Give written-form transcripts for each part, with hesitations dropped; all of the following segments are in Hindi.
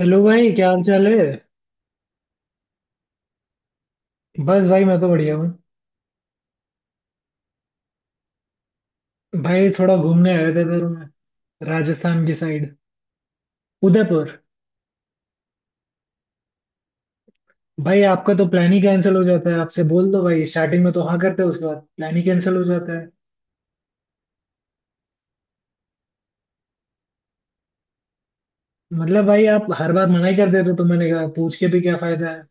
हेलो भाई, क्या हाल चाल है। बस भाई, मैं तो बढ़िया हूँ। भाई थोड़ा घूमने आया था इधर मैं, राजस्थान की साइड। उदयपुर। भाई आपका तो प्लान ही कैंसिल हो जाता है, आपसे बोल दो भाई, स्टार्टिंग में तो हाँ करते हो, उसके बाद प्लान ही कैंसिल हो जाता है। मतलब भाई आप हर बार मना ही कर देते हो, तो मैंने कहा पूछ के भी क्या फायदा है।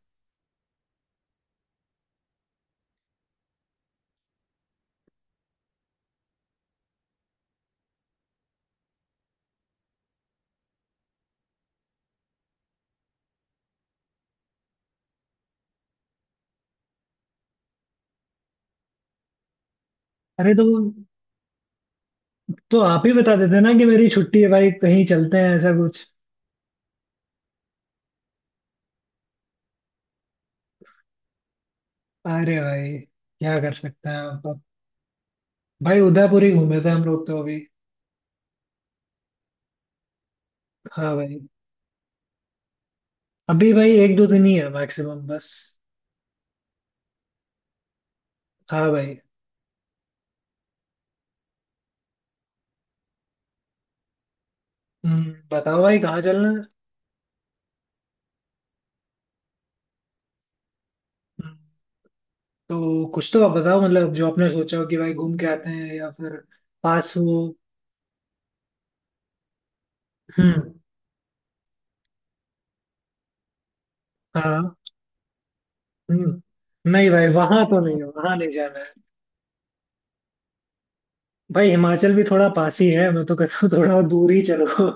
अरे तो आप ही बता देते ना कि मेरी छुट्टी है भाई, कहीं चलते हैं, ऐसा कुछ। अरे भाई, क्या कर सकते हैं आप अब। भाई उदयपुर ही घूमे थे हम लोग तो अभी। हाँ भाई। अभी भाई एक दो दिन ही है मैक्सिमम बस। हाँ भाई। बताओ भाई कहाँ चलना है। हम्म, तो कुछ तो आप बताओ, मतलब जो आपने सोचा हो कि भाई घूम के आते हैं या फिर पास हो। हम्म। हाँ। नहीं भाई वहां तो नहीं, वहां नहीं जाना है। भाई हिमाचल भी थोड़ा पास ही है, मैं तो कहता हूँ थोड़ा दूर ही चलो।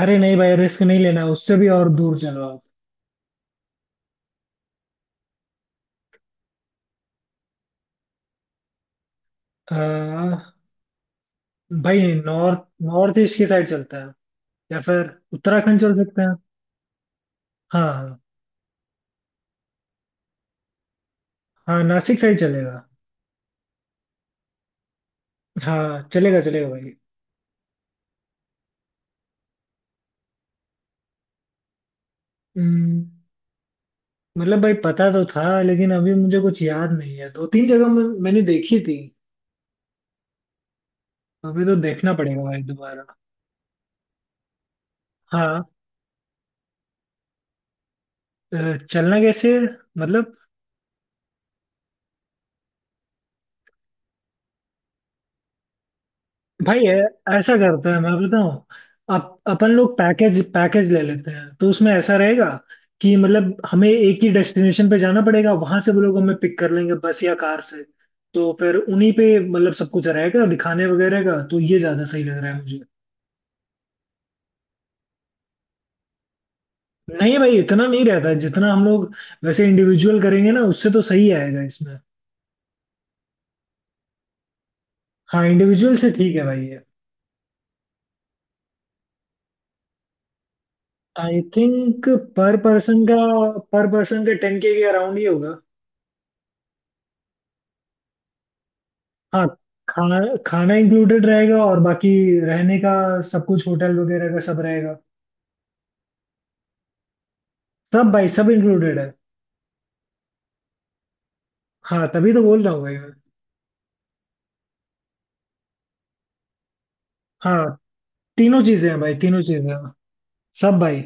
अरे नहीं भाई, रिस्क नहीं लेना, उससे भी और दूर चलो आप। अ, भाई नॉर्थ नॉर्थ ईस्ट की साइड चलता है। या फिर उत्तराखंड चल सकते हैं। हाँ हाँ। हाँ, नासिक साइड चलेगा। हाँ, चलेगा चलेगा भाई। हम्म, मतलब भाई पता तो था, लेकिन अभी मुझे कुछ याद नहीं है। दो तीन जगह मैंने देखी थी। अभी तो देखना पड़ेगा भाई दोबारा। हाँ। चलना कैसे है? मतलब। भाई ऐसा करते हैं, मैं बताऊँ। अपन लोग पैकेज पैकेज ले लेते हैं तो उसमें ऐसा रहेगा कि मतलब हमें एक ही डेस्टिनेशन पे जाना पड़ेगा, वहां से वो लोग हमें पिक कर लेंगे बस या कार से। तो फिर उन्हीं पे मतलब सब कुछ रहेगा, दिखाने वगैरह का, तो ये ज्यादा सही लग रहा है। नहीं भाई, इतना नहीं रहता है जितना हम लोग वैसे इंडिविजुअल करेंगे ना, उससे तो सही आएगा इसमें। हाँ, इंडिविजुअल से ठीक है भाई ये। आई थिंक पर पर्सन का पर पर्सन का 10K अराउंड ही होगा। हाँ। खाना, खाना इंक्लूडेड रहेगा, और बाकी रहने का सब कुछ, होटल वगैरह का सब रहेगा। सब भाई, सब इंक्लूडेड है। हाँ, तभी तो बोल रहा हूँ भाई मैं। हाँ, तीनों चीजें हैं भाई, तीनों चीजें हैं। सब भाई।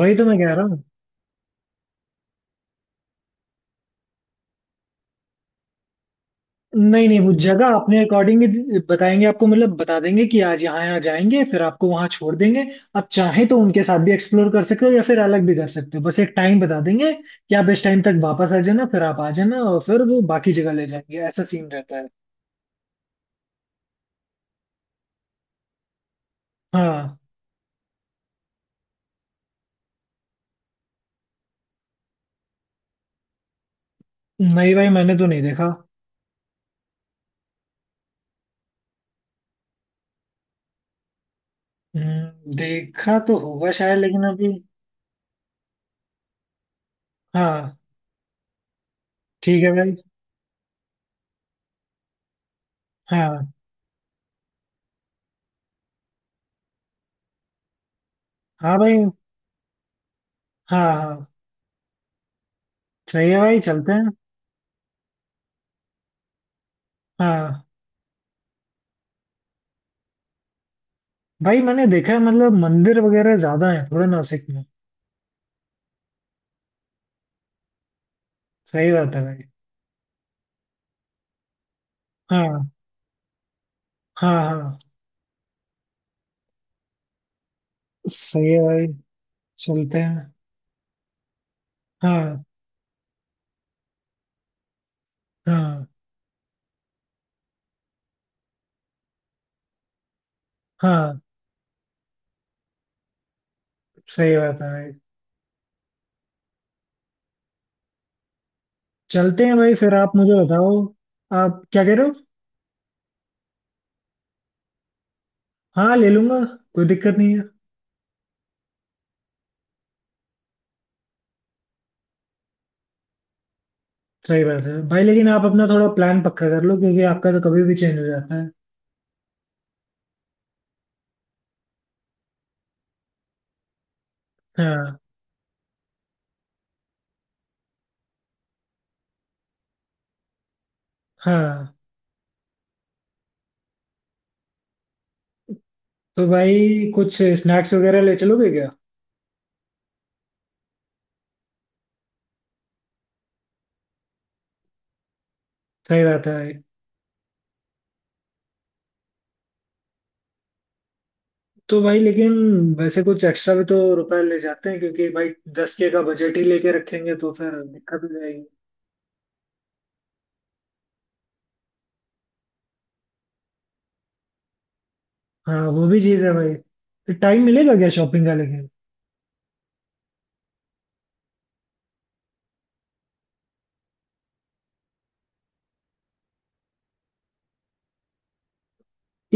वही तो मैं कह रहा हूँ। नहीं नहीं, वो जगह अपने अकॉर्डिंग बताएंगे आपको, मतलब बता देंगे कि आज यहाँ यहाँ जाएंगे, फिर आपको वहाँ छोड़ देंगे। आप चाहें तो उनके साथ भी एक्सप्लोर कर सकते हो या फिर अलग भी कर सकते हो, बस एक टाइम बता देंगे कि आप इस टाइम तक वापस आ जाना, फिर आप आ जाना और फिर वो बाकी जगह ले जाएंगे। ऐसा सीन रहता है। हाँ। नहीं भाई, मैंने तो नहीं देखा। देखा तो होगा शायद, लेकिन अभी। हाँ। ठीक है भाई। हाँ हाँ भाई। हाँ हाँ। सही है भाई, चलते हैं। हाँ भाई, मैंने देखा है, मतलब मंदिर वगैरह ज्यादा है थोड़ा नासिक में। सही बात है भाई। हाँ हाँ। हाँ। सही है भाई, चलते हैं। हाँ। हाँ हाँ। सही बात है भाई। चलते हैं भाई, फिर आप मुझे बताओ। आप क्या कह रहे हो। हाँ, ले लूंगा। कोई दिक्कत नहीं है। सही बात है भाई, लेकिन आप अपना थोड़ा प्लान पक्का कर लो, क्योंकि आपका तो कभी भी चेंज हो जाता है। हाँ। हाँ। तो भाई, कुछ स्नैक्स वगैरह ले चलोगे क्या। सही बात है भाई। तो भाई, लेकिन वैसे कुछ एक्स्ट्रा भी तो रुपए ले जाते हैं, क्योंकि भाई 10K का बजट ही लेके रखेंगे तो फिर दिक्कत हो जाएगी। हाँ, वो भी चीज है भाई। तो टाइम मिलेगा क्या शॉपिंग का, लेकिन।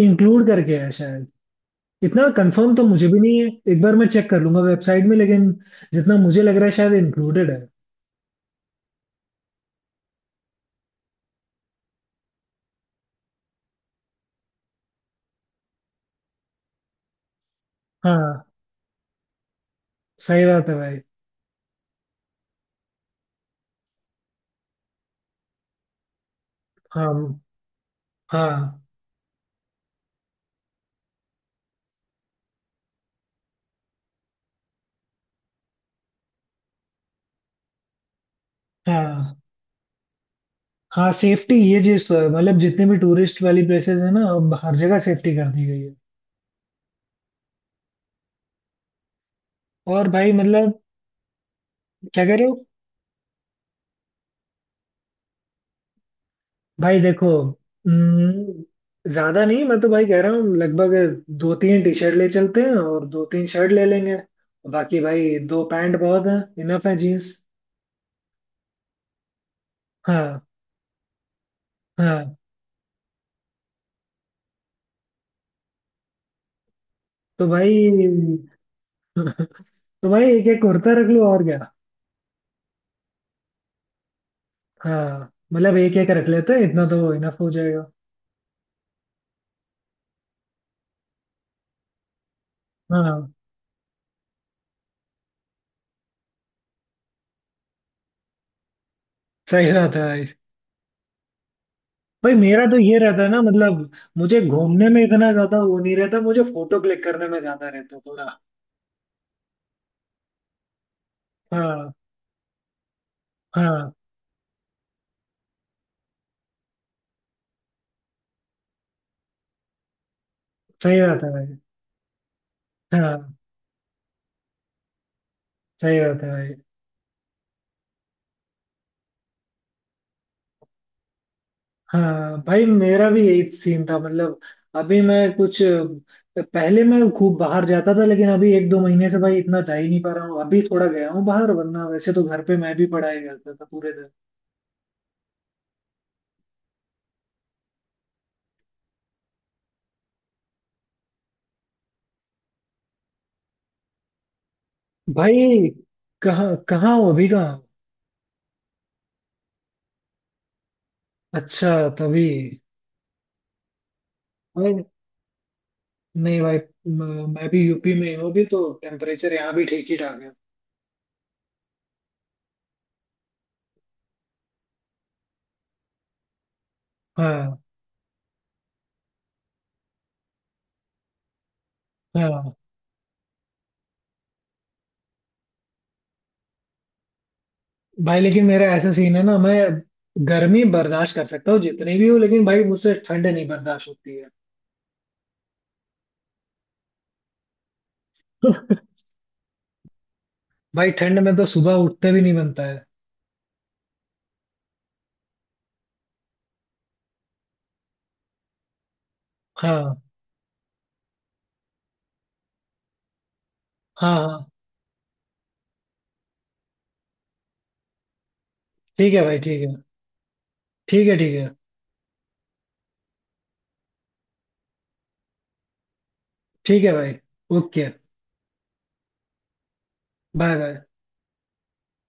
इंक्लूड करके है शायद। इतना कंफर्म तो मुझे भी नहीं है। एक बार मैं चेक कर लूंगा वेबसाइट में, लेकिन जितना मुझे लग रहा है शायद इंक्लूडेड है। हाँ, सही बात है भाई। हाँ हाँ। हाँ। हाँ, सेफ्टी ये चीज तो है, मतलब जितने भी टूरिस्ट वाली प्लेसेस है ना, अब हर जगह सेफ्टी कर दी गई है। और भाई मतलब। क्या कह रहे हो। भाई देखो। ज्यादा नहीं, मैं तो भाई कह रहा हूँ लगभग दो तीन टी शर्ट ले चलते हैं, और दो तीन शर्ट ले लेंगे। बाकी भाई दो पैंट बहुत है, इनफ है जीन्स। हाँ। हाँ। तो भाई तो भाई, एक एक कुर्ता रख लो और क्या। हाँ, मतलब एक एक रख लेते हैं, इतना तो इनफ हो जाएगा। हाँ, सही बात है भाई। भाई मेरा तो ये रहता है ना, मतलब मुझे घूमने में इतना ज्यादा वो नहीं रहता, मुझे फोटो क्लिक करने में ज्यादा रहता है थोड़ा। हाँ। हाँ। सही बात है भाई। हाँ। सही बात है भाई। हाँ भाई, मेरा भी यही सीन था मतलब। अभी मैं कुछ पहले मैं खूब बाहर जाता था, लेकिन अभी एक दो महीने से भाई इतना जा ही नहीं पा रहा हूँ। अभी थोड़ा गया हूँ बाहर, वरना वैसे तो घर पे मैं भी पढ़ाई करता था पूरे दिन। भाई कहाँ कहाँ हो अभी, कहाँ हो? अच्छा, तभी। भाई नहीं भाई, मैं भी यूपी में ही हूँ, अभी तो टेम्परेचर यहाँ भी ठीक ही ठाक है। हाँ। हाँ भाई, लेकिन मेरा ऐसा सीन है ना, मैं गर्मी बर्दाश्त कर सकता हूँ जितनी भी हो, लेकिन भाई मुझसे ठंड नहीं बर्दाश्त होती है। भाई ठंड में तो सुबह उठते भी नहीं बनता है। हाँ। हाँ। हाँ, ठीक है भाई, ठीक है। ठीक है, ठीक है। ठीक है भाई। ओके। Bye bye.